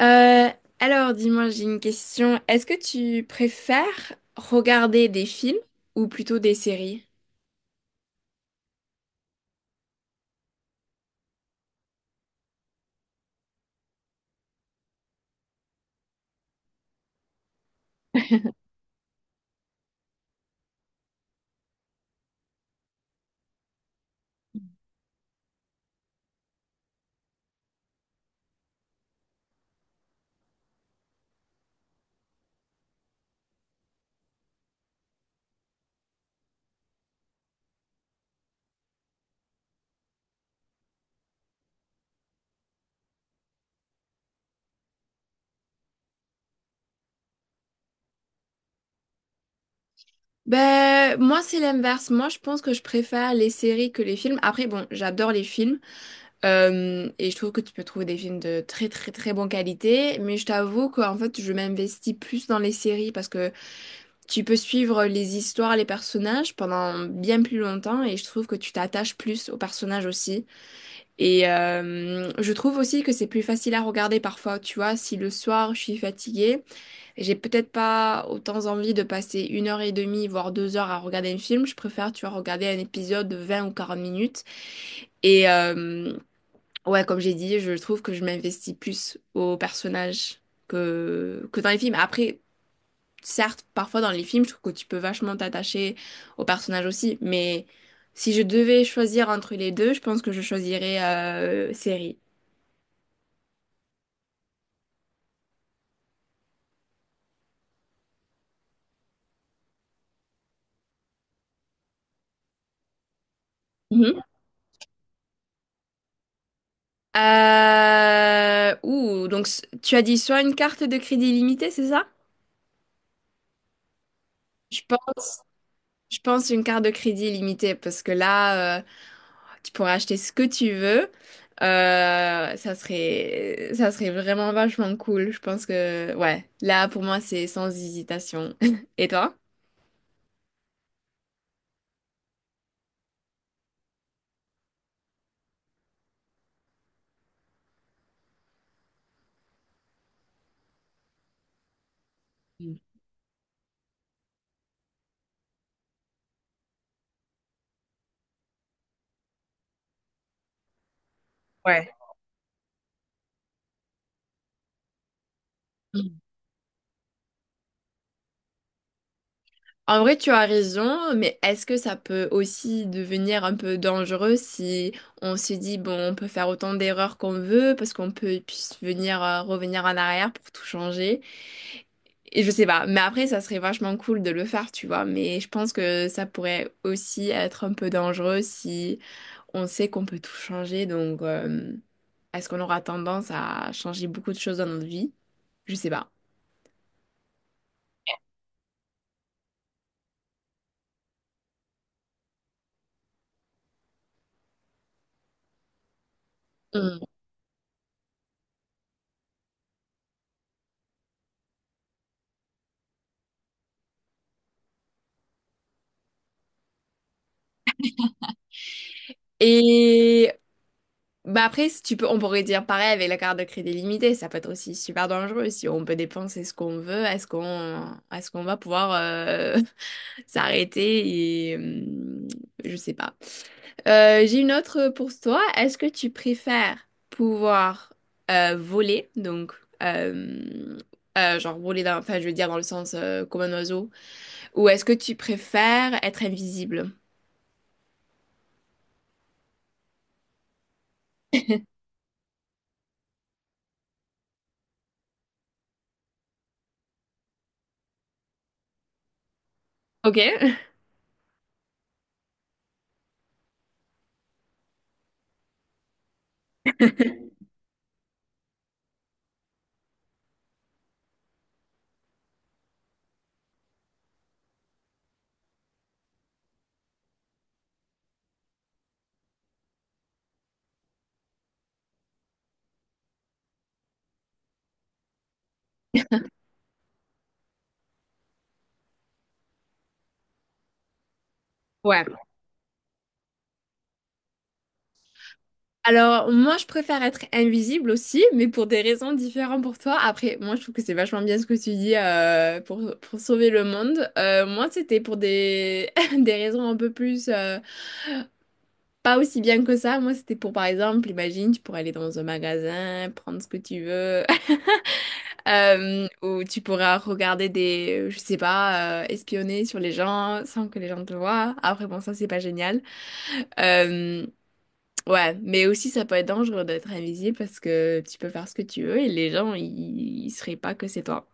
Euh, alors, dis-moi, j'ai une question. Est-ce que tu préfères regarder des films ou plutôt des séries? Ben, moi, c'est l'inverse. Moi, je pense que je préfère les séries que les films. Après, bon, j'adore les films. Et je trouve que tu peux trouver des films de très, très, très bonne qualité. Mais je t'avoue qu'en fait, je m'investis plus dans les séries parce que tu peux suivre les histoires, les personnages pendant bien plus longtemps. Et je trouve que tu t'attaches plus aux personnages aussi. Et je trouve aussi que c'est plus facile à regarder parfois, tu vois, si le soir je suis fatiguée, j'ai peut-être pas autant envie de passer une heure et demie, voire deux heures à regarder un film, je préfère, tu vois, regarder un épisode de 20 ou 40 minutes. Et euh, ouais, comme j'ai dit, je trouve que je m'investis plus aux personnages que dans les films. Après, certes, parfois dans les films, je trouve que tu peux vachement t'attacher aux personnages aussi, mais si je devais choisir entre les deux, je pense que je choisirais série. Mhm. Ouh, donc tu as dit soit une carte de crédit illimitée, c'est ça? Je pense, je pense une carte de crédit illimitée parce que là, tu pourrais acheter ce que tu veux. Ça serait vraiment vachement cool. Je pense que, ouais, là pour moi c'est sans hésitation. Et toi? Mm. Ouais. En vrai, tu as raison, mais est-ce que ça peut aussi devenir un peu dangereux si on se dit, bon, on peut faire autant d'erreurs qu'on veut parce qu'on peut puis venir revenir en arrière pour tout changer? Et je sais pas, mais après, ça serait vachement cool de le faire, tu vois, mais je pense que ça pourrait aussi être un peu dangereux si on sait qu'on peut tout changer, donc est-ce qu'on aura tendance à changer beaucoup de choses dans notre vie? Je sais pas. Mm. Et bah après, si tu peux, on pourrait dire pareil avec la carte de crédit limitée, ça peut être aussi super dangereux. Si on peut dépenser ce qu'on veut, est-ce qu'on va pouvoir s'arrêter et je sais pas. J'ai une autre pour toi. Est-ce que tu préfères pouvoir voler, donc euh, genre voler dans, enfin je veux dire dans le sens comme un oiseau, ou est-ce que tu préfères être invisible? Ok. Ouais. Alors, moi, je préfère être invisible aussi, mais pour des raisons différentes pour toi. Après, moi, je trouve que c'est vachement bien ce que tu dis pour sauver le monde. Moi, c'était pour des, des raisons un peu plus... pas aussi bien que ça. Moi, c'était pour, par exemple, imagine, tu pourrais aller dans un magasin, prendre ce que tu veux, ou tu pourras regarder des... Je sais pas, espionner sur les gens sans que les gens te voient. Après, bon, ça, c'est pas génial. Euh, Ouais, mais aussi ça peut être dangereux d'être invisible parce que tu peux faire ce que tu veux et ils sauraient pas que c'est toi.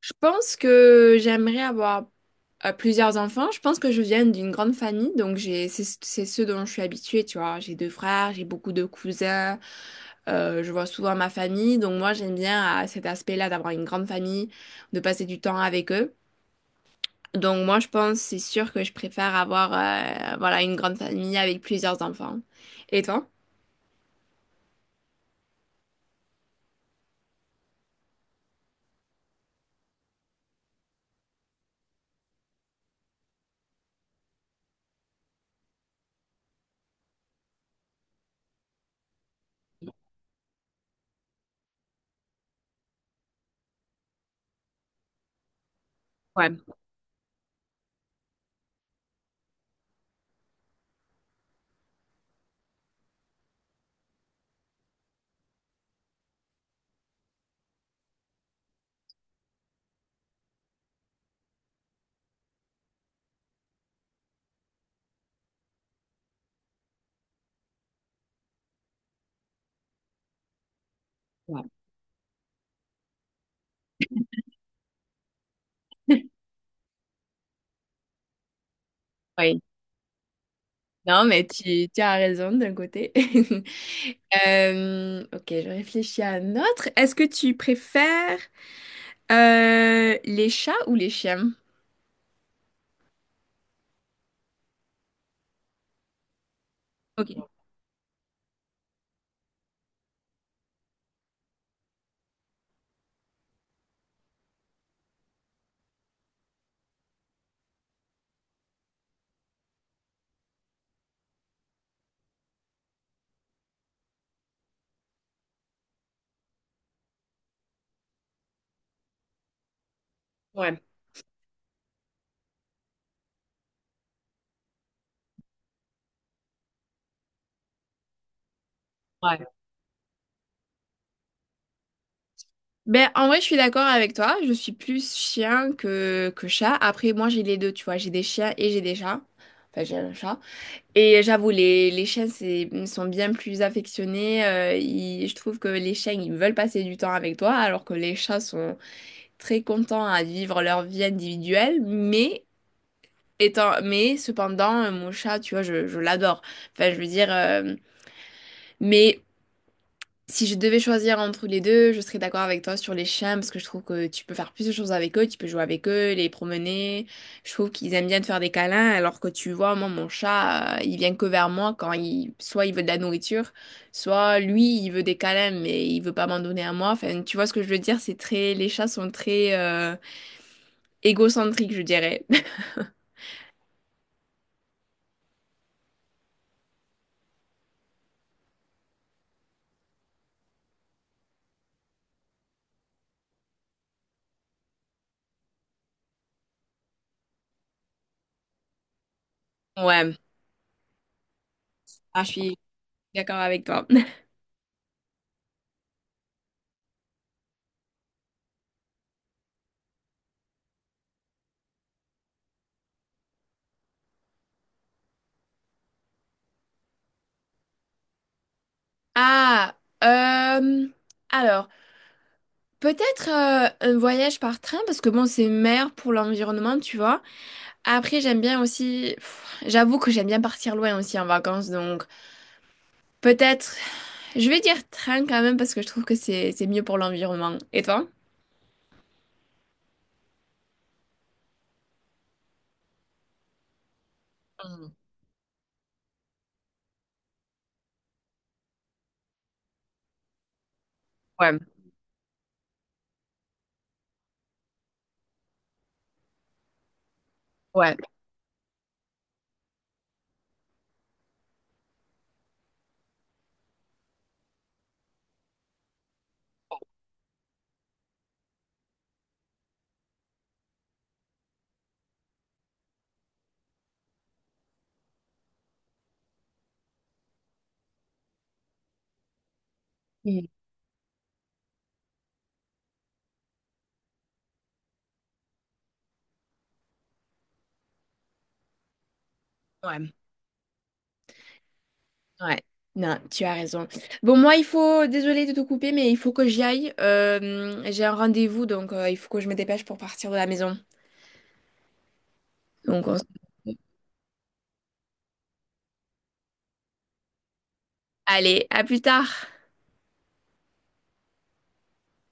Je pense que j'aimerais avoir plusieurs enfants. Je pense que je viens d'une grande famille, donc j'ai c'est ce dont je suis habituée, tu vois. J'ai deux frères, j'ai beaucoup de cousins, je vois souvent ma famille, donc moi j'aime bien cet aspect-là d'avoir une grande famille, de passer du temps avec eux. Donc moi je pense, c'est sûr que je préfère avoir voilà une grande famille avec plusieurs enfants. Et toi? Ouais, ouais. Oui, non, mais tu as raison d'un côté. Ok, je réfléchis à un autre. Est-ce que tu préfères les chats ou les chiens? Ok. Ouais. Ben, en vrai, je suis d'accord avec toi. Je suis plus chien que chat. Après, moi, j'ai les deux, tu vois. J'ai des chiens et j'ai des chats. Enfin, j'ai un chat. Et j'avoue, les chiens, sont bien plus affectionnés. Je trouve que les chiens, ils veulent passer du temps avec toi, alors que les chats sont très contents à vivre leur vie individuelle, mais cependant, mon chat, tu vois, je l'adore. Enfin, je veux dire, mais si je devais choisir entre les deux, je serais d'accord avec toi sur les chiens parce que je trouve que tu peux faire plus de choses avec eux, tu peux jouer avec eux, les promener. Je trouve qu'ils aiment bien te faire des câlins, alors que tu vois, moi, mon chat, il vient que vers moi quand il, soit il veut de la nourriture, soit lui, il veut des câlins, mais il veut pas m'en donner à moi. Enfin, tu vois ce que je veux dire, c'est très, les chats sont très, égocentrique, je dirais. Ouais, Ah, je suis d'accord avec toi. Ah, euh, alors, peut-être un voyage par train, parce que bon, c'est meilleur pour l'environnement, tu vois. Après, j'aime bien aussi, pff, j'avoue que j'aime bien partir loin aussi en vacances, donc peut-être, je vais dire train quand même, parce que je trouve que c'est mieux pour l'environnement. Et toi? Ouais, ouais, ouais, ouais. Non, tu as raison. Bon, moi, désolée de te couper, mais il faut que j'y aille. J'ai un rendez-vous, donc il faut que je me dépêche pour partir de la maison. Donc, on se- Allez, à plus tard.